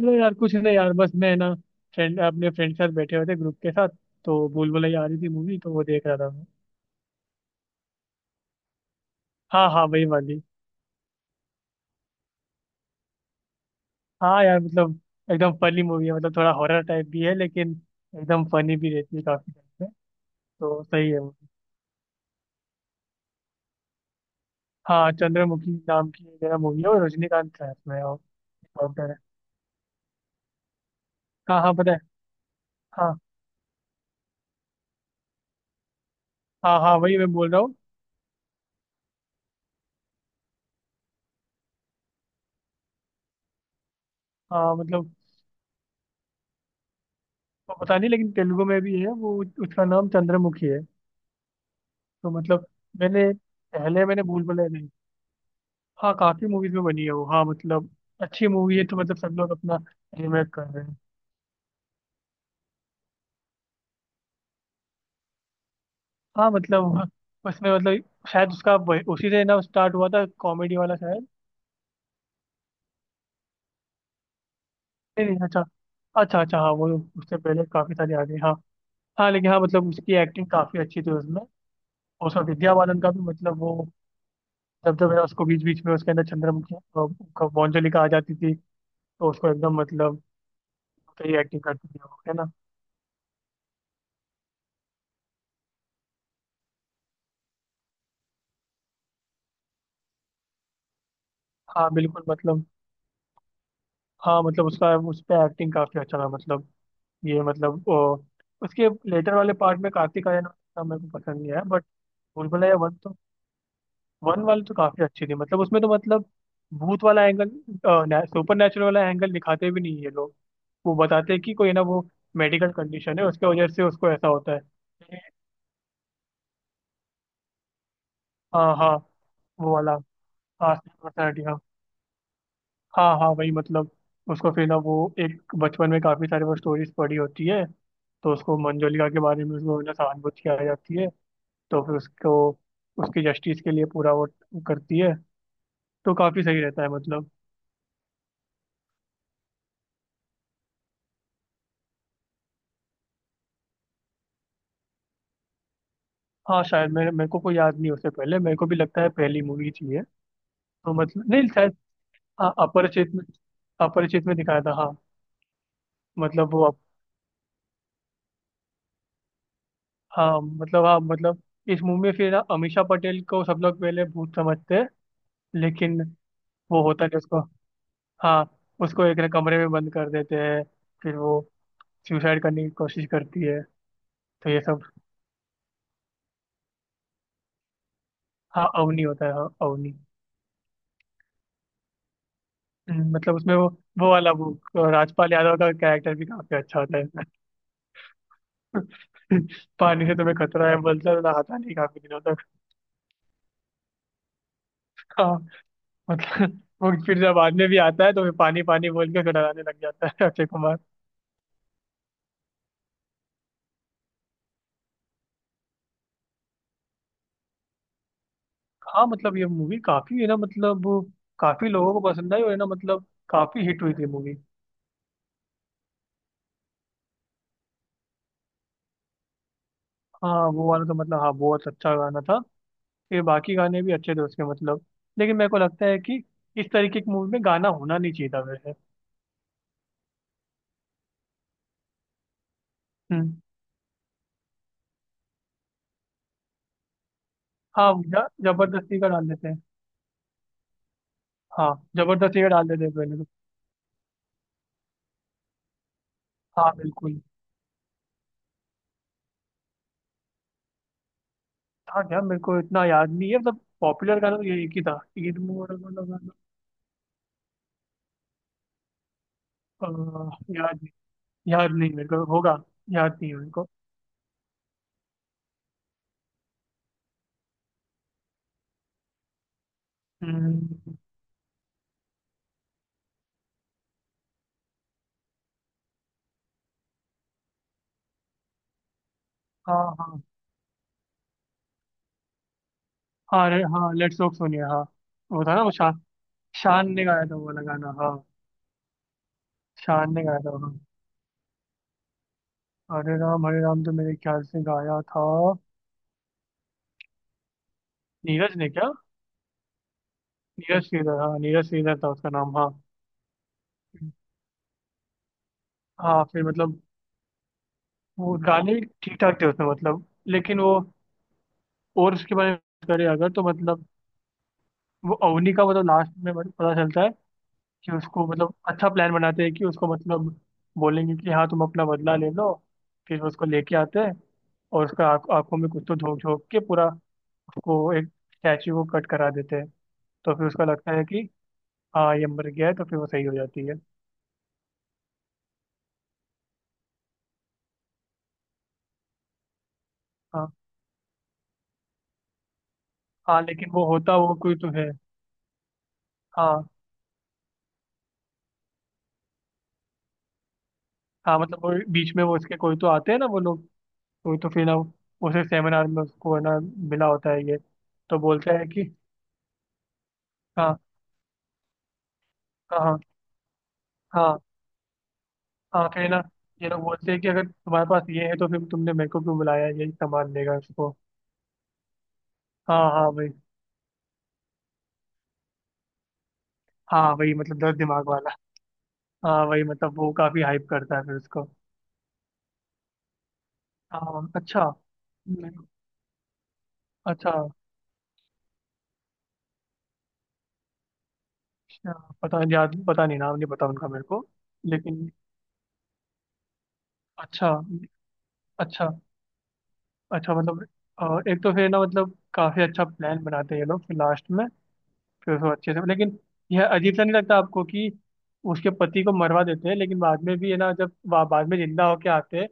चलो यार, कुछ नहीं यार। बस मैं ना फ्रेंड, अपने फ्रेंड के साथ बैठे हुए थे, ग्रुप के साथ। तो भूल भुलैया आ रही थी मूवी, तो वो देख रहा था मैं। हाँ हाँ वही वाली। हाँ यार मतलब एकदम फनी मूवी है। मतलब थोड़ा हॉरर टाइप भी है, लेकिन एकदम फनी भी रहती है काफी टाइम पे। तो सही है मूवी। हाँ चंद्रमुखी नाम की मेरा मूवी है और रजनीकांत का है उसमें। और डॉक्टर है। हाँ हाँ पता है। हाँ। हाँ हाँ वही मैं बोल रहा हूँ। हाँ मतलब वो पता नहीं, लेकिन तेलुगु में भी है वो। उसका नाम चंद्रमुखी है। तो मतलब मैंने पहले मैंने भूल भुलैया नहीं। हाँ काफी मूवीज में बनी है वो। हाँ मतलब अच्छी मूवी है, तो मतलब सब लोग अपना रिमेक कर रहे हैं। हाँ मतलब उसमें मतलब शायद उसका उसी से ना स्टार्ट हुआ था कॉमेडी वाला शायद। नहीं नहीं अच्छा। अच्छा अच्छा हाँ वो उससे पहले काफी सारे आ गए हाँ। हाँ लेकिन हाँ मतलब उसकी एक्टिंग काफी अच्छी थी उसमें। और उसका विद्या बालन का भी मतलब, वो जब जब है ना उसको बीच बीच में उसके अंदर चंद्रमुखी मंजुलिका आ जाती थी। तो उसको एकदम मतलब सही एक्टिंग करती थी वो, है ना। हाँ बिल्कुल मतलब। हाँ मतलब उसका उस पर एक्टिंग काफी अच्छा था मतलब। ये मतलब उसके लेटर वाले पार्ट में कार्तिक आर्यन का मेरे को पसंद नहीं आया बट। भूलभुलैया वन तो, वन वाली तो काफी अच्छी थी। मतलब उसमें तो मतलब भूत वाला एंगल, सुपर नेचुरल वाला एंगल दिखाते भी नहीं ये लोग। वो बताते हैं कि कोई ना वो मेडिकल कंडीशन है, उसके वजह से उसको ऐसा होता है। हाँ हाँ वो वाला। हाँ पर्सनैलिटी हाँ। हाँ हाँ वही मतलब उसको फिर ना वो एक बचपन में काफी सारी वो स्टोरीज पढ़ी होती है। तो उसको मंजुलिका के बारे में उसको ना सहानुभूति आ जाती है। तो फिर उसको उसकी जस्टिस के लिए पूरा वो करती है। तो काफी सही रहता है मतलब। हाँ शायद मेरे मेरे को कोई याद नहीं। उससे पहले मेरे को भी लगता है पहली मूवी थी ये। तो मतलब नहीं शायद। हाँ अपरिचित में, अपरिचित में दिखाया था हाँ। मतलब वो हाँ मतलब इस मूवी में फिर अमीषा पटेल को सब लोग पहले भूत समझते हैं लेकिन। वो होता नहीं उसको। हाँ उसको एक ना कमरे में बंद कर देते हैं। फिर वो सुसाइड करने की कोशिश करती है। तो ये सब। हाँ अवनी होता है, हाँ अवनी। मतलब उसमें वो वाला वो राजपाल यादव का कैरेक्टर भी काफी अच्छा होता है इसमें। पानी से तुम्हें खतरा है बोलता है, तो नहाता नहीं काफी दिनों तक। हाँ मतलब वो फिर जब बाद में भी आता है तो फिर पानी पानी बोल के डराने लग जाता है अक्षय कुमार। हाँ मतलब ये मूवी काफी है ना, मतलब काफी लोगों को पसंद आई। और है ना मतलब काफी हिट हुई थी मूवी। हाँ वो वाला तो मतलब, हाँ बहुत अच्छा गाना था। फिर बाकी गाने भी अच्छे थे उसके मतलब। लेकिन मेरे को लगता है कि इस तरीके की मूवी में गाना होना नहीं चाहिए था वैसे। हम्म। हाँ या जबरदस्ती का डाल देते हैं। हाँ, जबरदस्ती का डाल देते हैं पहले तो। हाँ बिल्कुल। था क्या, मेरे को इतना याद नहीं है। सब पॉपुलर गाना तो ये एक ही था, ईद मुबारक वाला गाना। याद नहीं। याद नहीं मेरे को, होगा। याद नहीं है मेरे को। हम्म। हाँ हाँ। हाँ रे हाँ लेट्स टॉक सुनिए हाँ। वो था ना वो शान, शान ने गाया था वो वाला गाना हाँ। शान ने गाया था हाँ। हरे राम तो मेरे ख्याल से गाया था नीरज ने क्या। नीरज श्रीधर, हाँ नीरज श्रीधर था उसका नाम हाँ। हाँ फिर मतलब वो गाने ठीक ठाक थे उसमें मतलब। लेकिन वो और उसके बारे में करें अगर तो मतलब, वो अवनी का मतलब लास्ट में मतलब पता चलता है कि उसको मतलब अच्छा प्लान बनाते हैं कि उसको मतलब बोलेंगे कि हाँ तुम अपना बदला ले लो। फिर वो उसको लेके आते हैं और उसका आँखों में कुछ तो झोंक झोंक के पूरा उसको एक स्टैचू को कट करा देते हैं। तो फिर उसका लगता है कि हाँ ये मर गया है, तो फिर वो सही हो जाती है। हाँ हाँ लेकिन वो होता वो कोई तो है। हाँ हाँ मतलब वो बीच में वो उसके कोई तो आते हैं ना वो लोग। वही तो फिर ना उसे सेमिनार में उसको है ना मिला होता है ये। तो बोलता है कि हाँ हाँ हाँ। हाँ फिर ना ये लोग बोलते हैं कि अगर तुम्हारे पास ये है तो फिर तुमने मेरे को क्यों बुलाया, यही सामान देगा उसको। हाँ हाँ वही। हाँ वही मतलब दस दिमाग वाला। हाँ वही मतलब वो काफी हाइप करता है फिर उसको। हाँ अच्छा। मैं- अच्छा अच्छा। पता नहीं याद, पता नहीं नाम नहीं पता उनका मेरे को। लेकिन अच्छा। अच्छा अच्छा मतलब अ, एक तो फिर ना मतलब काफी अच्छा प्लान बनाते हैं ये लोग फिर लास्ट में। फिर उसको अच्छे से लेकिन, यह अजीब सा नहीं लगता आपको कि उसके पति को मरवा देते हैं लेकिन बाद में भी है ना, जब बाद में जिंदा होके आते हैं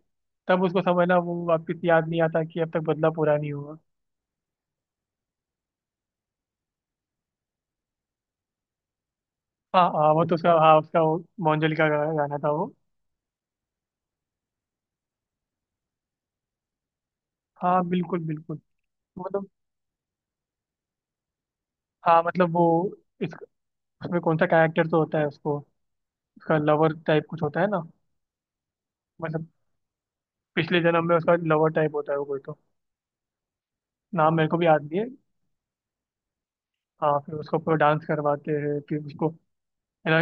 तब उसको समझना वो वापस याद नहीं आता कि अब तक बदला पूरा नहीं हुआ। हाँ हाँ वो तो उसका, हाँ उसका वो मोहनजोल का गाना था वो। हाँ बिल्कुल बिल्कुल। मतलब हाँ मतलब वो इस उसमें कौन सा कैरेक्टर तो होता है उसको, उसका लवर टाइप कुछ होता है ना। मतलब पिछले जन्म में उसका लवर टाइप होता है वो कोई तो। नाम मेरे को भी याद नहीं है। हाँ फिर उसको पूरा डांस करवाते हैं, फिर उसको है ना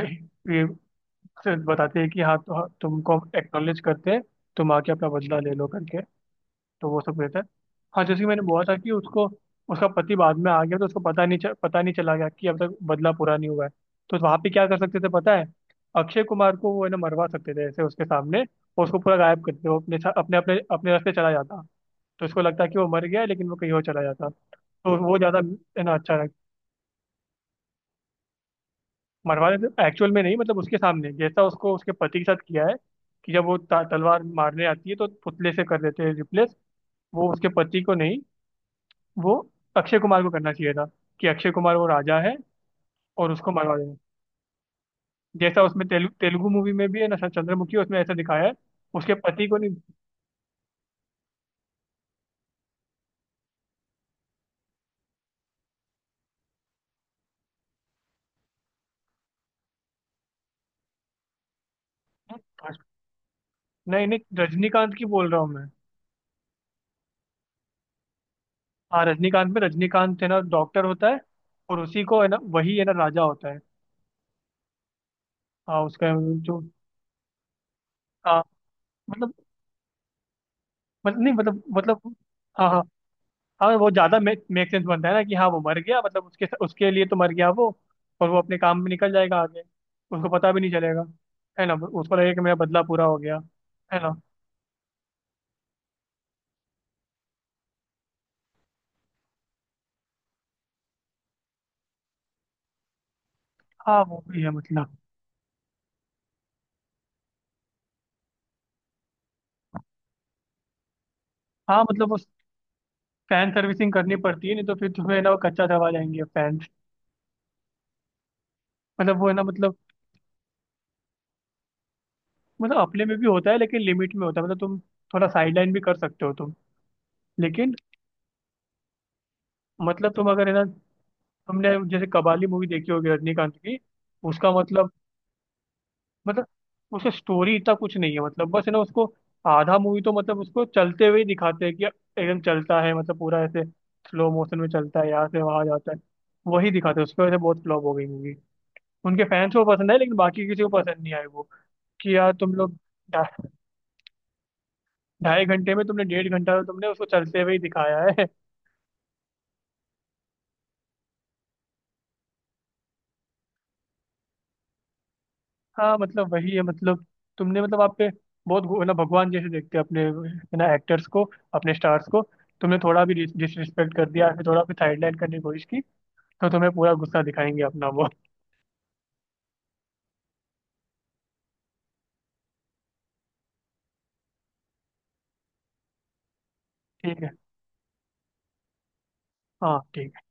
से बताते हैं कि हाँ तो हाँ, तुमको हम एक्नॉलेज करते हैं। तुम आके अपना बदला ले लो करके। तो वो सब रहता है। हाँ जैसे कि मैंने बोला था कि उसको उसका पति बाद में आ गया, तो उसको पता नहीं चला गया कि अब तक बदला पूरा नहीं हुआ है। तो वहाँ पे क्या कर सकते थे पता है, अक्षय कुमार को वो है ना मरवा सकते थे ऐसे उसके सामने। और उसको पूरा गायब करते, वो अपने अपने अपने रास्ते चला जाता। तो उसको लगता कि वो मर गया है, लेकिन वो कहीं और चला जाता। तो वो ज़्यादा है ना, अच्छा। मरवाने एक्चुअल में नहीं, मतलब उसके सामने जैसा उसको उसके पति के साथ किया है, कि जब वो तलवार मारने आती है तो पुतले से कर देते हैं रिप्लेस। वो उसके पति को नहीं, वो अक्षय कुमार को करना चाहिए था, कि अक्षय कुमार वो राजा है और उसको मरवा देना। जैसा उसमें तेलुगु मूवी में भी है ना चंद्रमुखी, उसमें ऐसा दिखाया है। उसके पति को नहीं। नहीं नहीं रजनीकांत की बोल रहा हूँ मैं। हाँ रजनीकांत में, रजनीकांत है ना डॉक्टर होता है और उसी को है ना वही है ना राजा होता है। हाँ उसका जो हाँ मतलब। मतलब नहीं मतलब। हाँ हाँ। हाँ वो ज्यादा मेक मेक सेंस बनता है ना कि हाँ वो मर गया, मतलब उसके उसके लिए तो मर गया वो। और वो अपने काम में निकल जाएगा आगे, उसको पता भी नहीं चलेगा। है ना उसको लगेगा कि मेरा बदला पूरा हो गया। है ना। हाँ वो भी है मतलब। हाँ मतलब उस फैन सर्विसिंग करनी पड़ती है, नहीं तो फिर तुम्हें ना वो कच्चा दबा जाएंगे फैंस। मतलब वो है ना मतलब। मतलब अपने में भी होता है लेकिन लिमिट में होता है, मतलब तुम थोड़ा साइड लाइन भी कर सकते हो तुम। लेकिन मतलब तुम अगर है ना, तुमने जैसे कबाली मूवी देखी होगी रजनीकांत की। उसका मतलब मतलब उसका स्टोरी इतना कुछ नहीं है, मतलब बस है ना उसको आधा मूवी तो मतलब उसको चलते हुए ही दिखाते हैं कि एकदम चलता है मतलब पूरा ऐसे स्लो मोशन में चलता है यहाँ से वहाँ जाता है। वही दिखाते हैं, उसकी वजह से बहुत फ्लॉप हो गई मूवी। उनके फैंस को पसंद है लेकिन बाकी किसी को पसंद नहीं आई वो। कि यार तुम लोग ढा- ढाई घंटे में तुमने डेढ़ घंटा तो तुमने उसको चलते हुए ही दिखाया है। हाँ मतलब वही है, मतलब तुमने मतलब आप पे बहुत ना भगवान जैसे देखते हैं अपने है ना एक्टर्स को, अपने स्टार्स को। तुमने थोड़ा भी डिसरिस्पेक्ट कर दिया फिर, थोड़ा भी साइडलाइन करने की कोशिश की तो तुम्हें पूरा गुस्सा दिखाएंगे अपना वो। ठीक है। हाँ ठीक है।